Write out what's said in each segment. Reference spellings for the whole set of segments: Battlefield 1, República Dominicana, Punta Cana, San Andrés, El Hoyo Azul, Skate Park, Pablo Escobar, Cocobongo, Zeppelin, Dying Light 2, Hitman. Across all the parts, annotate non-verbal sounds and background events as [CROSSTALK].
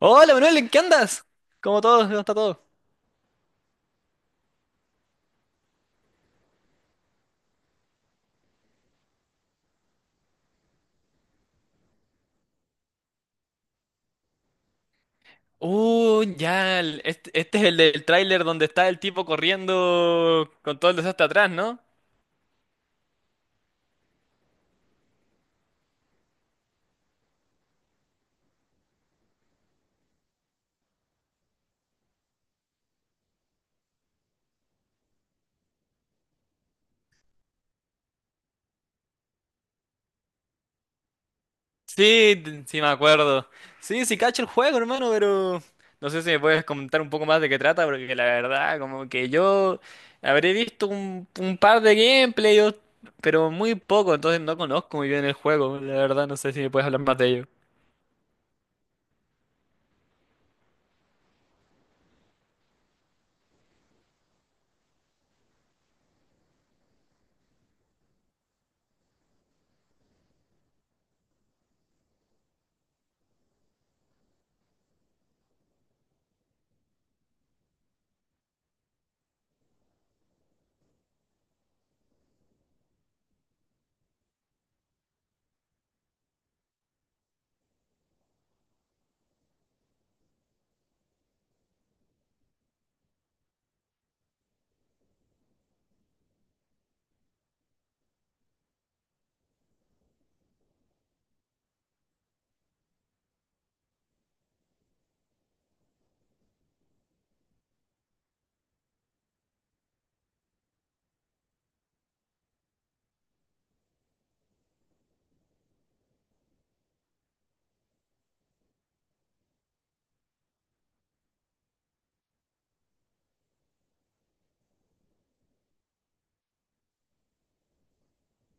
Hola Manuel, ¿en qué andas? ¿Cómo todo? ¿Cómo está todo? Este es el del tráiler donde está el tipo corriendo con todo el desastre atrás, ¿no? Sí, sí me acuerdo. Sí, sí cacho el juego, hermano, pero... No sé si me puedes comentar un poco más de qué trata, porque la verdad, como que yo habré visto un par de gameplays, pero muy poco, entonces no conozco muy bien el juego, la verdad, no sé si me puedes hablar más de ello.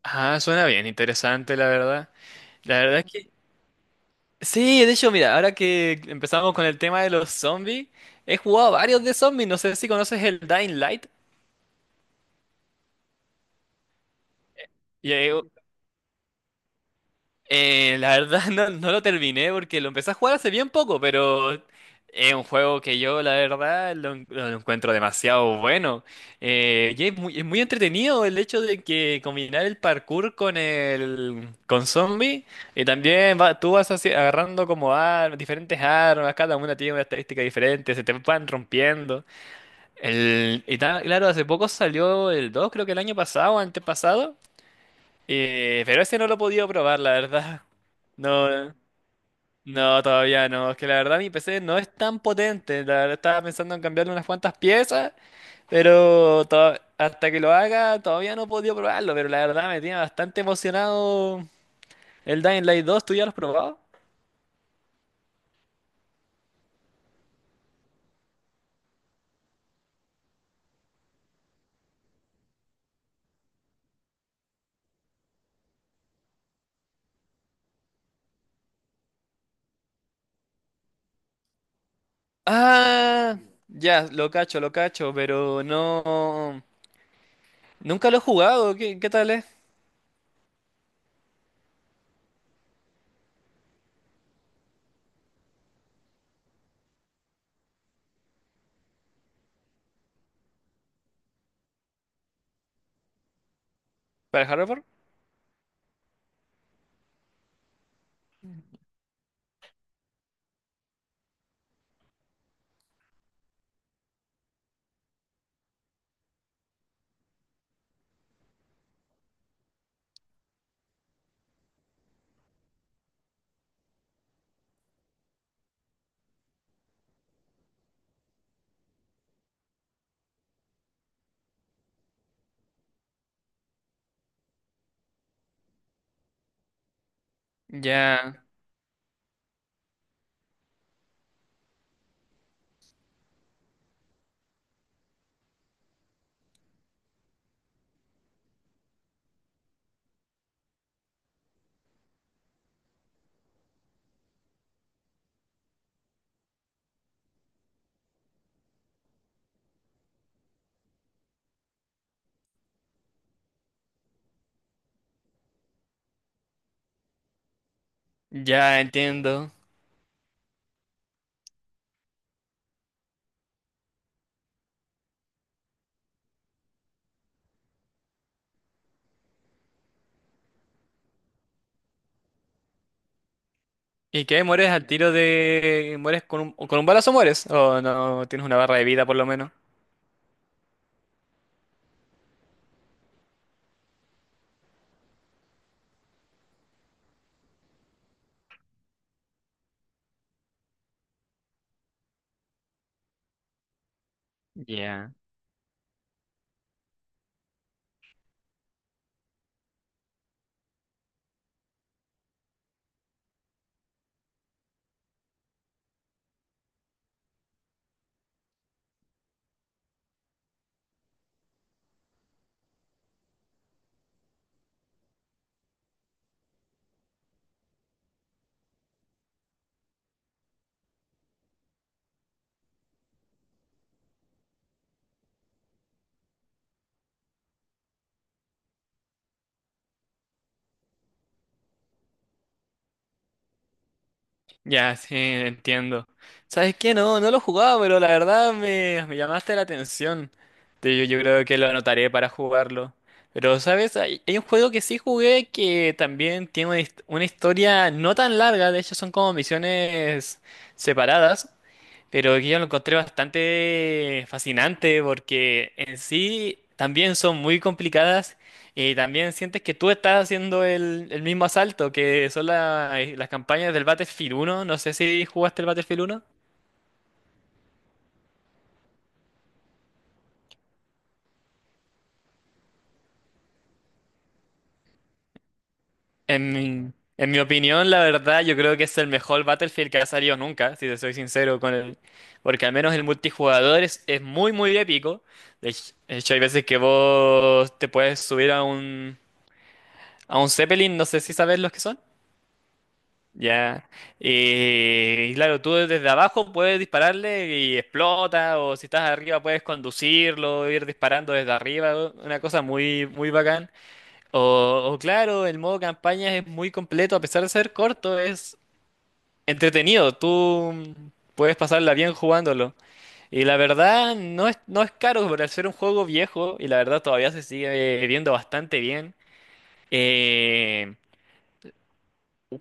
Ah, suena bien, interesante, la verdad. La verdad es que sí, de hecho, mira, ahora que empezamos con el tema de los zombies, he jugado varios de zombies, no sé si conoces el Dying Light. Y, eh, la verdad [LAUGHS] no, no lo terminé porque lo empecé a jugar hace bien poco, pero es un juego que yo la verdad lo encuentro demasiado bueno. Es muy entretenido el hecho de que combinar el parkour con el con zombies y también tú vas así agarrando como armas, diferentes armas, cada una tiene una estadística diferente, se te van rompiendo. Claro, hace poco salió el 2, creo que el año pasado o antepasado. Eh, pero ese no lo he podido probar, la verdad. No, no, todavía no. Es que la verdad mi PC no es tan potente. La verdad estaba pensando en cambiarle unas cuantas piezas, pero hasta que lo haga todavía no he podido probarlo. Pero la verdad me tiene bastante emocionado el Dying Light dos. ¿Tú ya lo has probado? Ah, ya, lo cacho, pero no... Nunca lo he jugado. ¿Qué tal es? ¿Para Harvard? Ya, ya entiendo. ¿Y qué? ¿Mueres al tiro de... ¿Mueres con con un balazo mueres? ¿O no tienes una barra de vida por lo menos? Ya. Ya, sí, entiendo. ¿Sabes qué? No, no lo jugaba, pero la verdad me llamaste la atención. Yo creo que lo anotaré para jugarlo. Pero, ¿sabes? Hay un juego que sí jugué que también tiene una historia no tan larga, de hecho son como misiones separadas, pero que yo lo encontré bastante fascinante porque en sí también son muy complicadas y también sientes que tú estás haciendo el mismo asalto, que son las campañas del Battlefield 1. No sé si jugaste el Battlefield 1. En mi, en mi opinión, la verdad, yo creo que es el mejor Battlefield que ha salido nunca, si te soy sincero con él. Porque al menos el multijugador es muy, muy épico. De hecho, hay veces que vos te puedes subir a a un Zeppelin, no sé si sabes los que son. Ya. Y claro, tú desde abajo puedes dispararle y explota, o si estás arriba puedes conducirlo, ir disparando desde arriba, una cosa muy, muy bacán. O claro, el modo campaña es muy completo, a pesar de ser corto, es entretenido. Tú puedes pasarla bien jugándolo. Y la verdad, no es caro por ser un juego viejo, y la verdad todavía se sigue viendo bastante bien. Eh,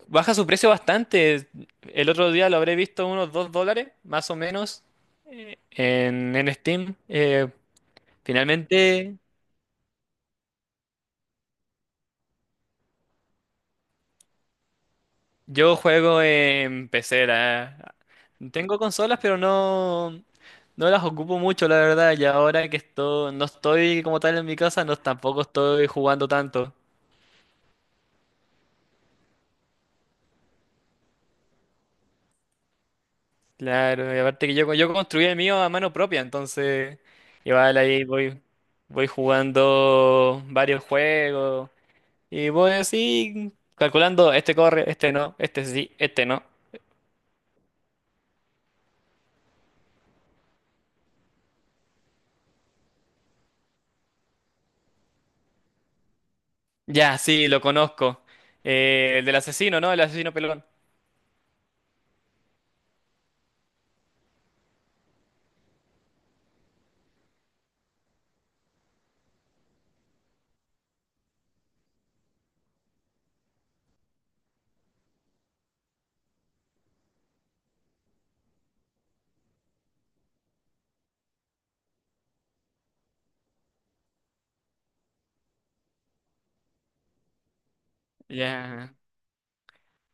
Baja su precio bastante. El otro día lo habré visto unos $2, más o menos, en Steam. Finalmente, yo juego en PC. Tengo consolas, pero no, no las ocupo mucho, la verdad. Y ahora que esto, no estoy como tal en mi casa, no tampoco estoy jugando tanto. Claro, y aparte que yo construí el mío a mano propia, entonces igual ahí voy jugando varios juegos. Y voy así, calculando, este corre, este no, este sí, este no. Ya, sí, lo conozco. El del asesino, ¿no? El asesino pelón. Ya,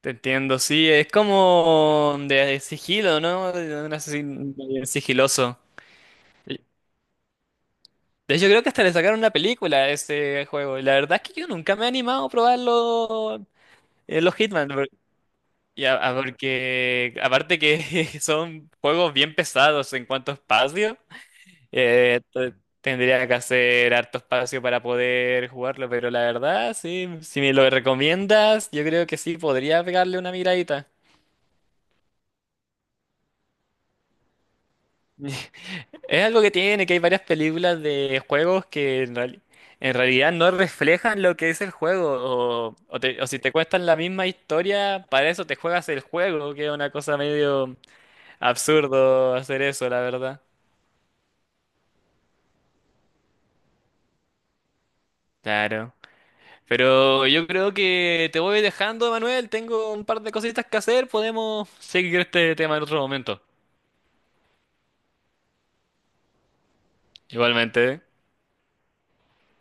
te entiendo, sí, es como de sigilo, ¿no? De un asesino sigiloso. De hecho, creo que hasta le sacaron una película a ese juego. Y la verdad es que yo nunca me he animado a probarlo, los Hitman. Ya, ah, porque aparte que [LAUGHS] son juegos bien pesados en cuanto a espacio. Eh, t- Tendría que hacer harto espacio para poder jugarlo, pero la verdad, sí, si me lo recomiendas, yo creo que sí, podría pegarle una miradita. [LAUGHS] Es algo que tiene, que hay varias películas de juegos que en realidad no reflejan lo que es el juego, o si te cuentan la misma historia, para eso te juegas el juego, que es una cosa medio absurdo hacer eso, la verdad. Claro. Pero yo creo que te voy dejando, Manuel. Tengo un par de cositas que hacer. Podemos seguir este tema en otro momento. Igualmente.